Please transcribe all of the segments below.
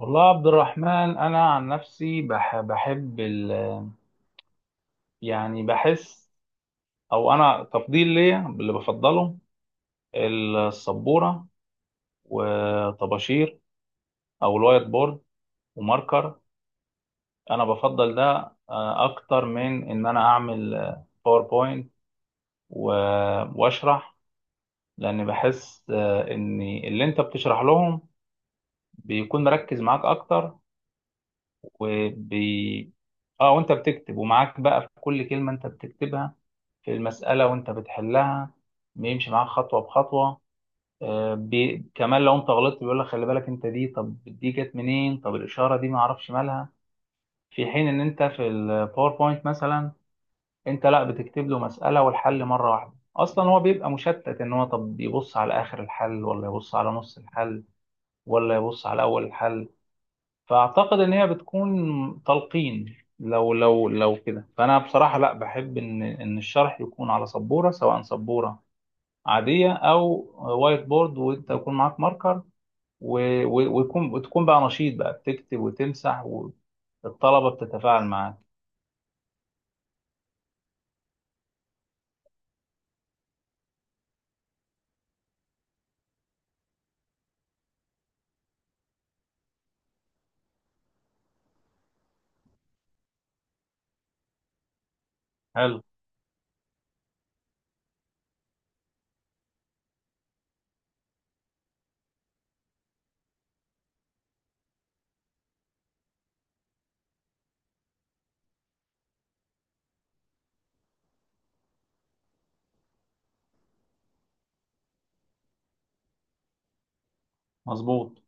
والله يا عبد الرحمن، انا عن نفسي بحب ال بحس، او انا تفضيل ليا اللي بفضله السبوره وطباشير، او الوايت بورد وماركر. انا بفضل ده اكتر من ان انا اعمل باوربوينت واشرح. لان بحس ان اللي انت بتشرح لهم بيكون مركز معاك اكتر. وبي اه وانت بتكتب، ومعاك بقى في كل كلمة انت بتكتبها في المسألة وانت بتحلها، بيمشي معاك خطوة بخطوة. كمان لو انت غلطت بيقول لك خلي بالك، انت دي، طب دي جت منين، طب الإشارة دي ما اعرفش مالها. في حين ان انت في الباوربوينت مثلا، انت لا بتكتب له مسألة والحل مرة واحدة، اصلا هو بيبقى مشتت ان هو طب يبص على اخر الحل، ولا يبص على نص الحل، ولا يبص على اول الحل. فاعتقد ان هي بتكون تلقين لو كده. فانا بصراحه لا، بحب ان الشرح يكون على سبوره، سواء سبوره عاديه او وايت بورد، وانت يكون معاك ماركر، و- و- ويكون وتكون بقى نشيط بقى، بتكتب وتمسح، والطلبه بتتفاعل معاك. حلو. مظبوط.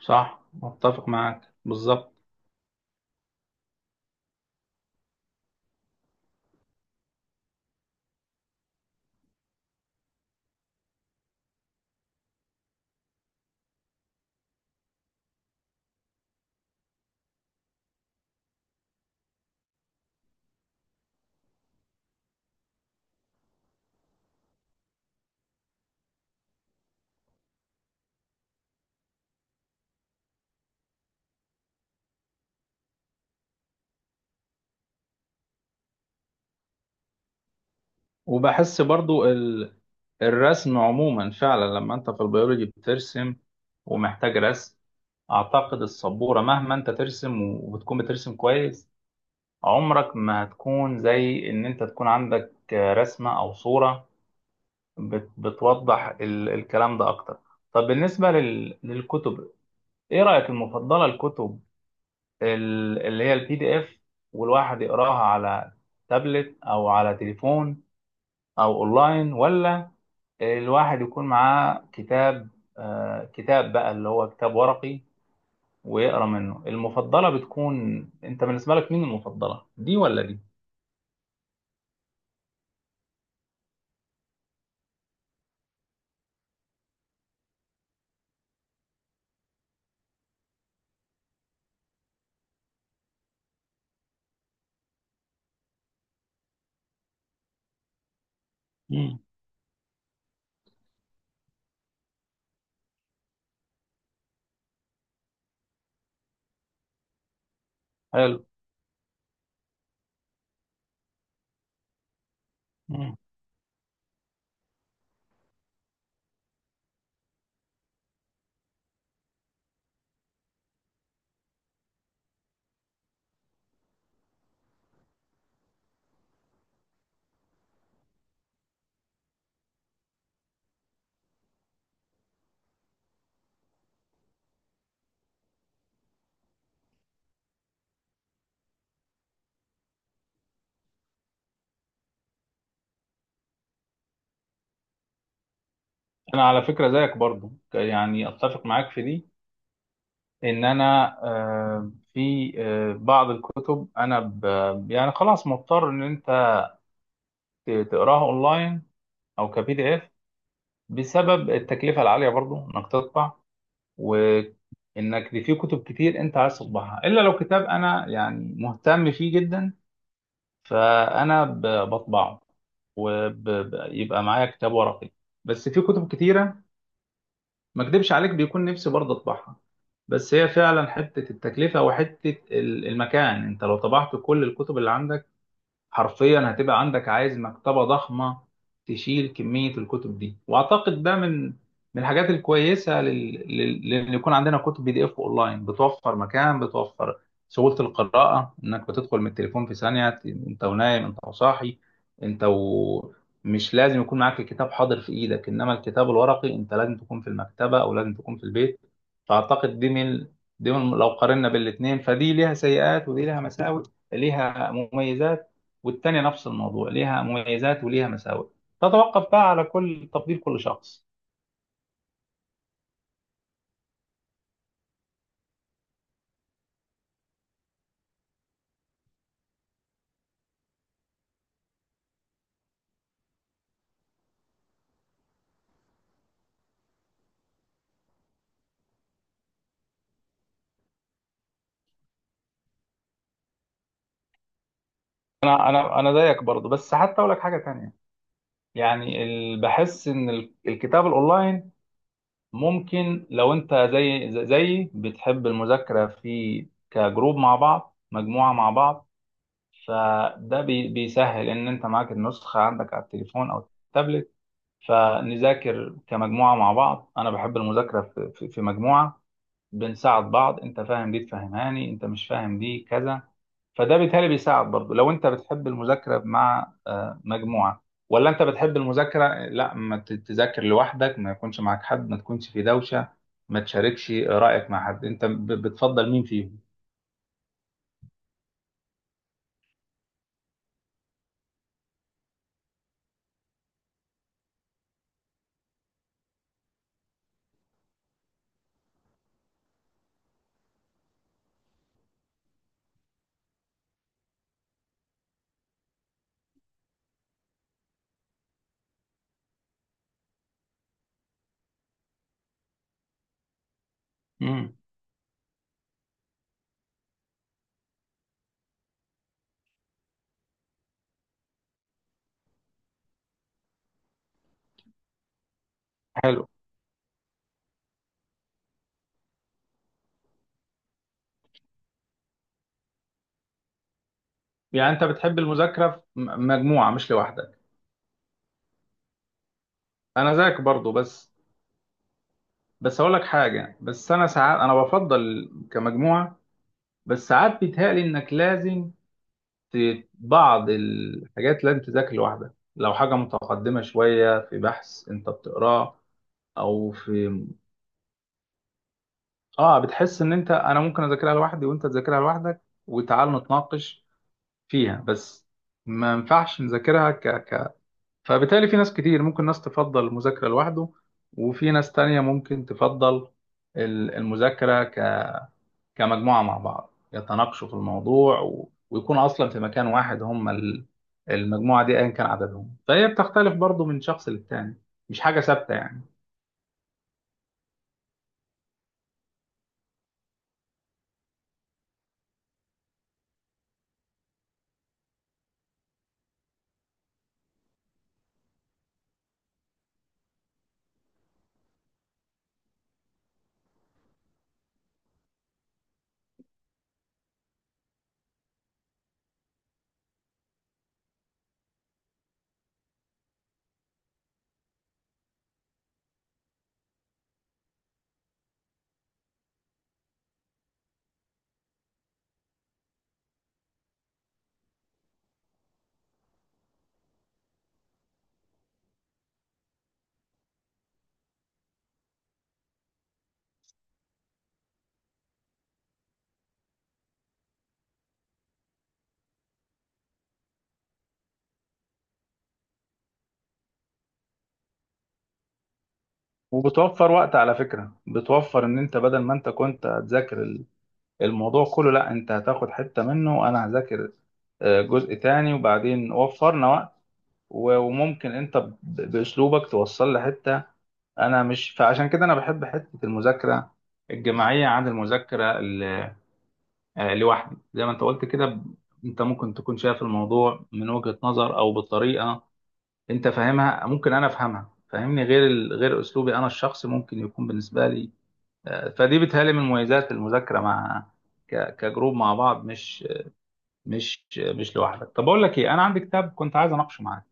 صح، متفق معاك بالظبط. وبحس برضو الرسم عموما فعلا لما انت في البيولوجي بترسم ومحتاج رسم، اعتقد السبوره مهما انت ترسم وبتكون بترسم كويس، عمرك ما هتكون زي ان انت تكون عندك رسمه او صوره بتوضح الكلام ده اكتر. طب بالنسبه للكتب، ايه رايك؟ المفضله الكتب اللي هي البي دي اف والواحد يقراها على تابلت او على تليفون او اونلاين، ولا الواحد يكون معاه كتاب، كتاب بقى اللي هو كتاب ورقي ويقرا منه؟ المفضله بتكون انت بالنسبه لك مين، المفضله دي ولا دي؟ مم. حلو. مم. انا على فكره زيك برضو، يعني اتفق معاك في دي، ان انا في بعض الكتب انا يعني خلاص مضطر ان انت تقراها اونلاين او كبي دي اف، بسبب التكلفه العاليه برضو انك تطبع، وانك دي في كتب كتير انت عايز تطبعها. الا لو كتاب انا يعني مهتم فيه جدا، فانا بطبعه ويبقى معايا كتاب ورقي. بس في كتب كتيره، ما اكدبش عليك، بيكون نفسي برضه اطبعها، بس هي فعلا حته التكلفه وحته المكان. انت لو طبعت كل الكتب اللي عندك، حرفيا هتبقى عندك، عايز مكتبة ضخمة تشيل كمية الكتب دي. واعتقد ده من، الحاجات الكويسة لان يكون عندنا كتب بي دي اف اونلاين، بتوفر مكان، بتوفر سهولة القراءة، انك بتدخل من التليفون في ثانية انت ونايم، انت وصاحي، انت و... مش لازم يكون معاك الكتاب حاضر في ايدك. انما الكتاب الورقي انت لازم تكون في المكتبة، او لازم تكون في البيت. فاعتقد دي من، لو قارنا بالاثنين، فدي ليها سيئات، ودي ليها مساوئ، ليها مميزات. والتانية نفس الموضوع، ليها مميزات وليها مساوئ. تتوقف بقى على كل تفضيل كل شخص. انا زيك برضه، بس حتى اقول لك حاجه تانية. يعني بحس ان الكتاب الاونلاين ممكن لو انت زي زيي بتحب المذاكره في كجروب مع بعض، مجموعه مع بعض، فده بيسهل ان انت معاك النسخه عندك على التليفون او التابلت، فنذاكر كمجموعه مع بعض. انا بحب المذاكره في مجموعه، بنساعد بعض، انت فاهم دي تفهمهاني، انت مش فاهم دي كذا. فده بالتالي بيساعد برضه لو انت بتحب المذاكره مع مجموعه، ولا انت بتحب المذاكره لا، ما تذاكر لوحدك، ما يكونش معاك حد، ما تكونش في دوشه، ما تشاركش رايك مع حد. انت بتفضل مين فيهم؟ امم. حلو. يعني انت بتحب المذاكره في مجموعه مش لوحدك. انا زيك برضه، بس بس هقول لك حاجه. بس انا ساعات انا بفضل كمجموعه، بس ساعات بيتهيألي انك لازم، بعض الحاجات لازم تذاكر لوحدك، لو حاجة متقدمة شوية في بحث انت بتقراه او في. اه، بتحس ان انا ممكن اذاكرها لوحدي وانت تذاكرها لوحدك، وتعال نتناقش فيها بس، ما ينفعش نذاكرها فبالتالي في ناس كتير ممكن، ناس تفضل المذاكرة لوحده، وفي ناس تانية ممكن تفضل المذاكرة كمجموعة مع بعض، يتناقشوا في الموضوع ويكونوا أصلا في مكان واحد. هم المجموعة دي أيا كان عددهم، فهي بتختلف برضو من شخص للتاني، مش حاجة ثابتة يعني. وبتوفر وقت على فكرة، بتوفر إن أنت بدل ما أنت كنت هتذاكر الموضوع كله، لا أنت هتاخد حتة منه وأنا هذاكر جزء تاني، وبعدين وفرنا وقت وممكن أنت بأسلوبك توصل لحتة انا مش. فعشان كده انا بحب حته المذاكره الجماعيه عن المذاكره لوحدي. زي ما انت قلت كده انت ممكن تكون شايف الموضوع من وجهة نظر او بالطريقة انت فاهمها، ممكن انا افهمها، فاهمني، غير غير اسلوبي انا الشخصي ممكن يكون بالنسبة لي فدي بتهيألي من مميزات المذاكرة مع كجروب مع بعض، مش مش لوحدك. طب اقول لك ايه، انا عندي كتاب كنت عايز اناقشه معاك،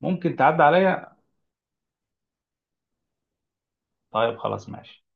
ممكن تعدي عليا؟ طيب خلاص ماشي.